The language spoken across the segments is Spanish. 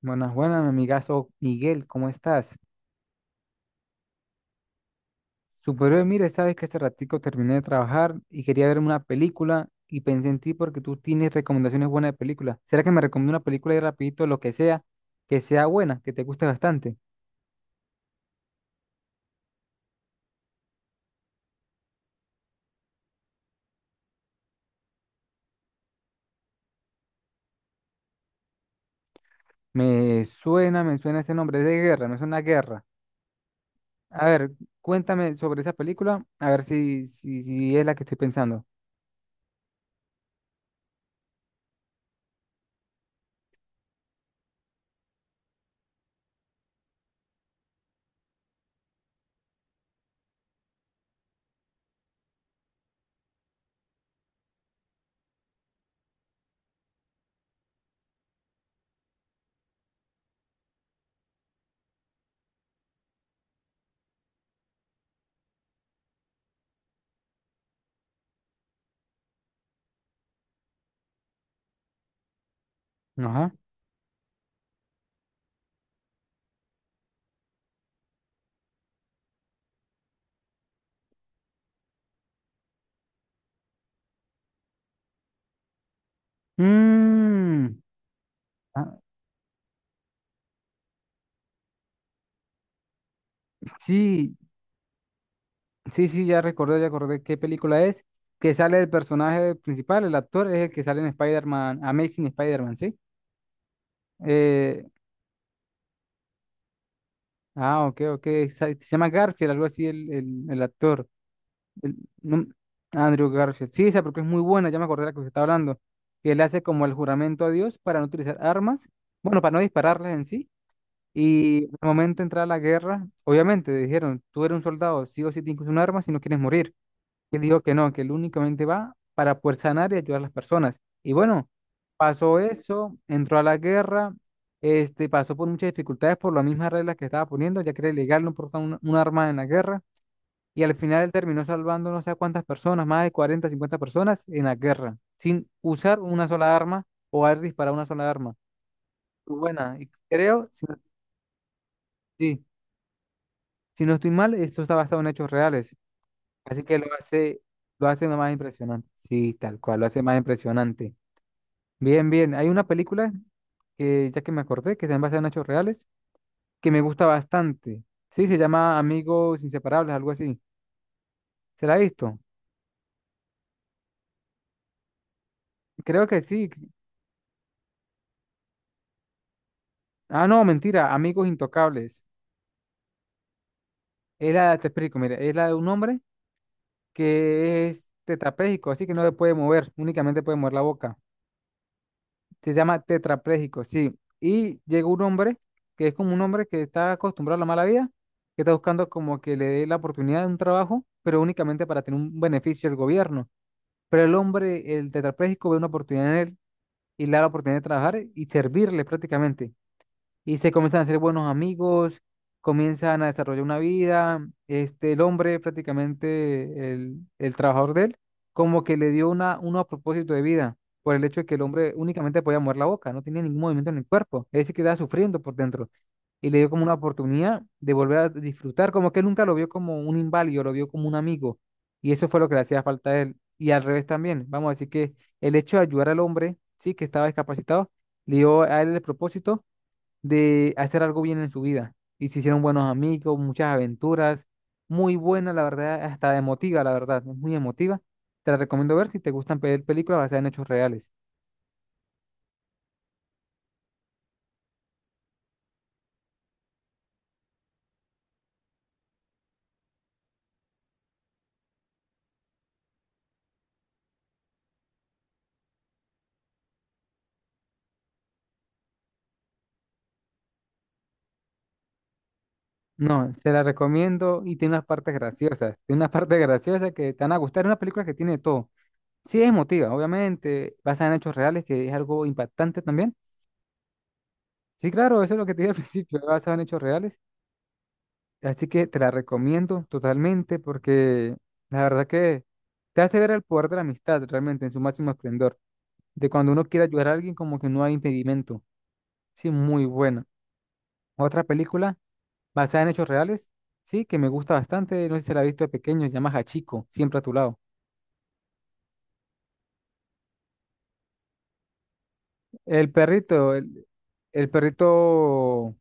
Buenas, buenas, mi amigazo Miguel, ¿cómo estás? Superhéroe, mire, sabes que hace ratico terminé de trabajar y quería verme una película y pensé en ti porque tú tienes recomendaciones buenas de películas. ¿Será que me recomienda una película y rapidito lo que sea buena, que te guste bastante? Me suena, me suena, ese nombre es de guerra, me suena a guerra. A ver, cuéntame sobre esa película, a ver si es la que estoy pensando. Ajá. Mmm. Sí, sí, sí, ya recordé, ya acordé qué película es, que sale el personaje principal, el actor es el que sale en Spider-Man, Amazing Spider-Man, ¿sí? Eh, ah, ok, ok, se llama Garfield, algo así el actor, el- no- Andrew Garfield. Sí, esa porque es muy buena, ya me acordé de la que usted está hablando, que él hace como el juramento a Dios para no utilizar armas, bueno, para no dispararlas en sí, y al momento de entrar a la guerra, obviamente dijeron, tú eres un soldado, sí o sí tienes que usar un arma si no quieres morir. Que dijo que no, que él únicamente va para poder sanar y ayudar a las personas. Y bueno, pasó eso, entró a la guerra, pasó por muchas dificultades por las mismas reglas que estaba poniendo, ya que era ilegal no portar un arma en la guerra. Y al final él terminó salvando no sé a cuántas personas, más de 40 50 personas en la guerra, sin usar una sola arma o haber disparado una sola arma. Muy buena, y creo, si no, sí, si no estoy mal, esto está basado en hechos reales. Así que lo hace más impresionante. Sí, tal cual, lo hace más impresionante. Bien, bien. Hay una película que ya que me acordé, que se basa en hechos reales, que me gusta bastante. Sí, se llama Amigos Inseparables, algo así. ¿Se la ha visto? Creo que sí. Ah, no, mentira, Amigos Intocables. Es la, te explico, mira, es la de un hombre que es tetrapléjico, así que no se puede mover, únicamente puede mover la boca. Se llama tetrapléjico, sí. Y llega un hombre que es como un hombre que está acostumbrado a la mala vida, que está buscando como que le dé la oportunidad de un trabajo, pero únicamente para tener un beneficio del gobierno. Pero el hombre, el tetrapléjico, ve una oportunidad en él y le da la oportunidad de trabajar y servirle prácticamente y se comienzan a hacer buenos amigos, comienzan a desarrollar una vida. El hombre, prácticamente el trabajador de él, como que le dio uno a propósito de vida por el hecho de que el hombre únicamente podía mover la boca, no tenía ningún movimiento en el cuerpo, es decir, que sufriendo por dentro. Y le dio como una oportunidad de volver a disfrutar, como que él nunca lo vio como un inválido, lo vio como un amigo. Y eso fue lo que le hacía falta a él. Y al revés también, vamos a decir que el hecho de ayudar al hombre, sí, que estaba discapacitado, le dio a él el propósito de hacer algo bien en su vida. Y se hicieron buenos amigos, muchas aventuras, muy buena, la verdad, hasta emotiva, la verdad, es muy emotiva. Te la recomiendo ver si te gustan ver películas basadas en hechos reales. No, se la recomiendo y tiene unas partes graciosas, tiene unas partes graciosas que te van a gustar, es una película que tiene de todo. Sí es emotiva, obviamente, basada en hechos reales, que es algo impactante también. Sí, claro, eso es lo que te dije al principio, basado en hechos reales. Así que te la recomiendo totalmente porque la verdad que te hace ver el poder de la amistad realmente en su máximo esplendor. De cuando uno quiere ayudar a alguien como que no hay impedimento. Sí, muy buena. Otra película basada en hechos reales, sí, que me gusta bastante. No sé si se la has visto de pequeño, se llama Hachiko, siempre a tu lado. El perrito, el perrito,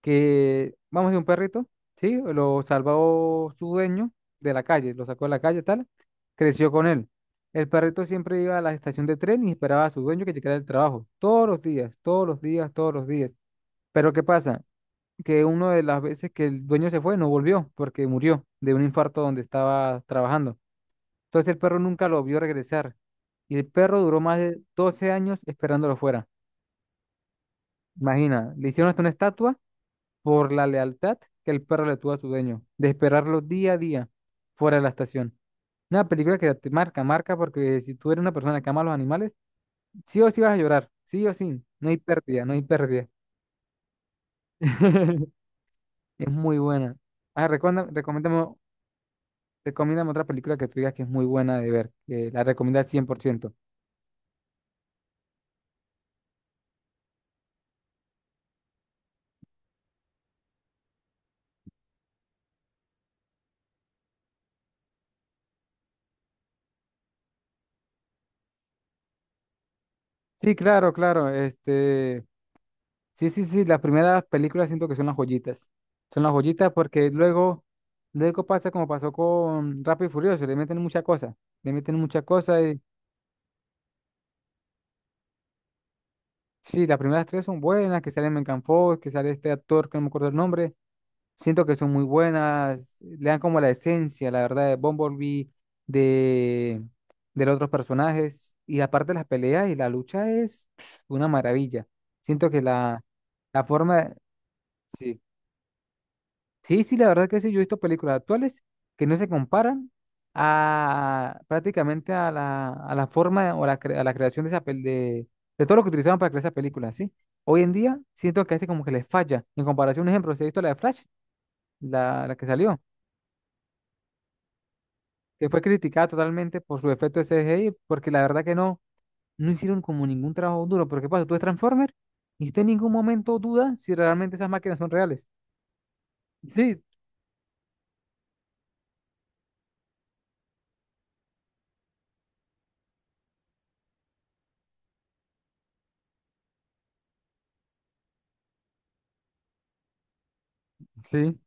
que vamos de un perrito, ¿sí? Lo salvó su dueño de la calle, lo sacó de la calle, tal, creció con él. El perrito siempre iba a la estación de tren y esperaba a su dueño que llegara del trabajo, todos los días, todos los días, todos los días. Pero ¿qué pasa? Que una de las veces que el dueño se fue, no volvió porque murió de un infarto donde estaba trabajando. Entonces el perro nunca lo vio regresar y el perro duró más de 12 años esperándolo fuera. Imagina, le hicieron hasta una estatua por la lealtad que el perro le tuvo a su dueño, de esperarlo día a día fuera de la estación. Una película que te marca, marca, porque si tú eres una persona que ama a los animales, sí o sí vas a llorar, sí o sí, no hay pérdida, no hay pérdida. Es muy buena. Ah, recomiéndame otra película que tú digas que es muy buena de ver, que la recomiendas al 100%. Sí, claro, claro. Sí, sí, sí, las primeras películas siento que son las joyitas. Son las joyitas porque luego pasa como pasó con Rápido y Furioso, le meten muchas cosas, le meten muchas cosas y sí, las primeras tres son buenas, que sale Megan Fox, que sale este actor que no me acuerdo el nombre, siento que son muy buenas, le dan como la esencia, la verdad, de Bumblebee, de, de los otros personajes, y aparte las peleas y la lucha es pf, una maravilla. Siento que la forma, sí. Sí, sí, la verdad que sí, yo he visto películas actuales que no se comparan a prácticamente a la forma o a la creación de de todo lo que utilizaban para crear esa película, ¿sí? Hoy en día siento que a veces como que les falla. En comparación, un ejemplo, si he visto la de Flash, la que salió, que fue criticada totalmente por su efecto de CGI, porque la verdad que no, no hicieron como ningún trabajo duro. Porque pasa, tú ves Transformers y usted en ningún momento duda si realmente esas máquinas son reales. Sí, sí.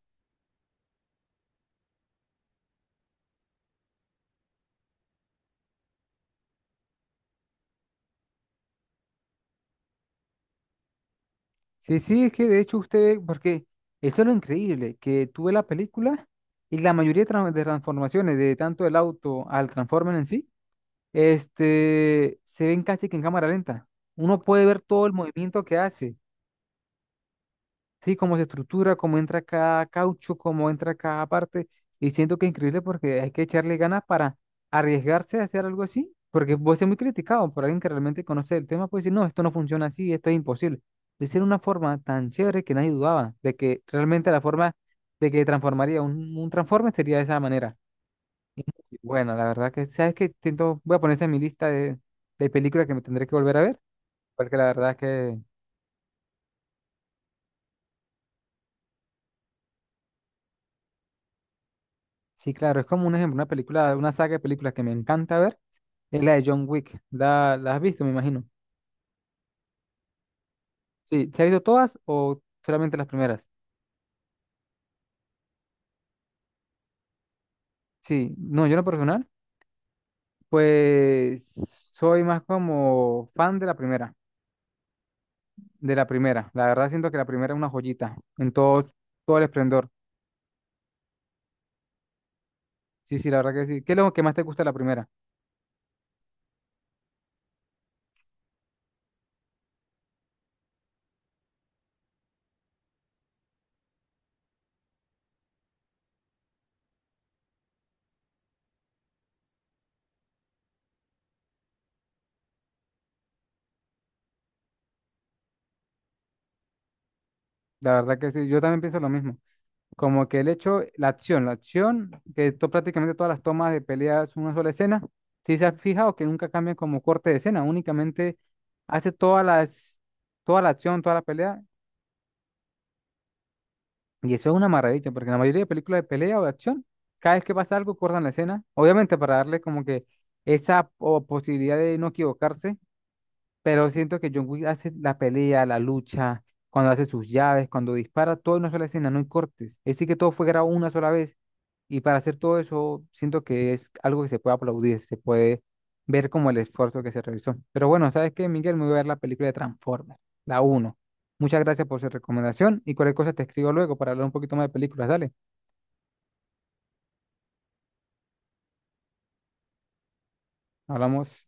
Sí, sí, es que de hecho usted ve, porque eso es lo increíble, que tuve la película y la mayoría de transformaciones, de tanto el auto al Transformer en sí, se ven casi que en cámara lenta. Uno puede ver todo el movimiento que hace. Sí, cómo se estructura, cómo entra cada caucho, cómo entra cada parte. Y siento que es increíble porque hay que echarle ganas para arriesgarse a hacer algo así, porque puede ser muy criticado por alguien que realmente conoce el tema, puede decir, no, esto no funciona así, esto es imposible. Lo hicieron de una forma tan chévere que nadie dudaba de que realmente la forma de que transformaría un transforme sería de esa manera. Y bueno, la verdad que, sabes que siento, voy a poner esa en mi lista de películas que me tendré que volver a ver, porque la verdad que sí, claro, es como un ejemplo, una película, una saga de películas que me encanta ver, es la de John Wick. ¿La has visto, me imagino? Sí, ¿se has visto todas o solamente las primeras? Sí, no, yo en lo personal, pues soy más como fan de la primera, de la primera. La verdad siento que la primera es una joyita en todo, todo el esplendor. Sí, sí, la verdad que sí. ¿Qué es lo que más te gusta de la primera? La verdad que sí, yo también pienso lo mismo. Como que el hecho, la acción, que prácticamente todas las tomas de pelea es una sola escena. Si se ha fijado que nunca cambian como corte de escena, únicamente hace toda la acción, toda la pelea. Y eso es una maravilla, porque en la mayoría de películas de pelea o de acción, cada vez que pasa algo, cortan la escena. Obviamente para darle como que esa posibilidad de no equivocarse. Pero siento que John Wick hace la pelea, la lucha, cuando hace sus llaves, cuando dispara, todo en una sola escena, no hay cortes. Es decir, que todo fue grabado una sola vez. Y para hacer todo eso, siento que es algo que se puede aplaudir, se puede ver como el esfuerzo que se realizó. Pero bueno, ¿sabes qué, Miguel? Me voy a ver la película de Transformers, la uno. Muchas gracias por su recomendación y cualquier cosa te escribo luego para hablar un poquito más de películas. Dale, hablamos.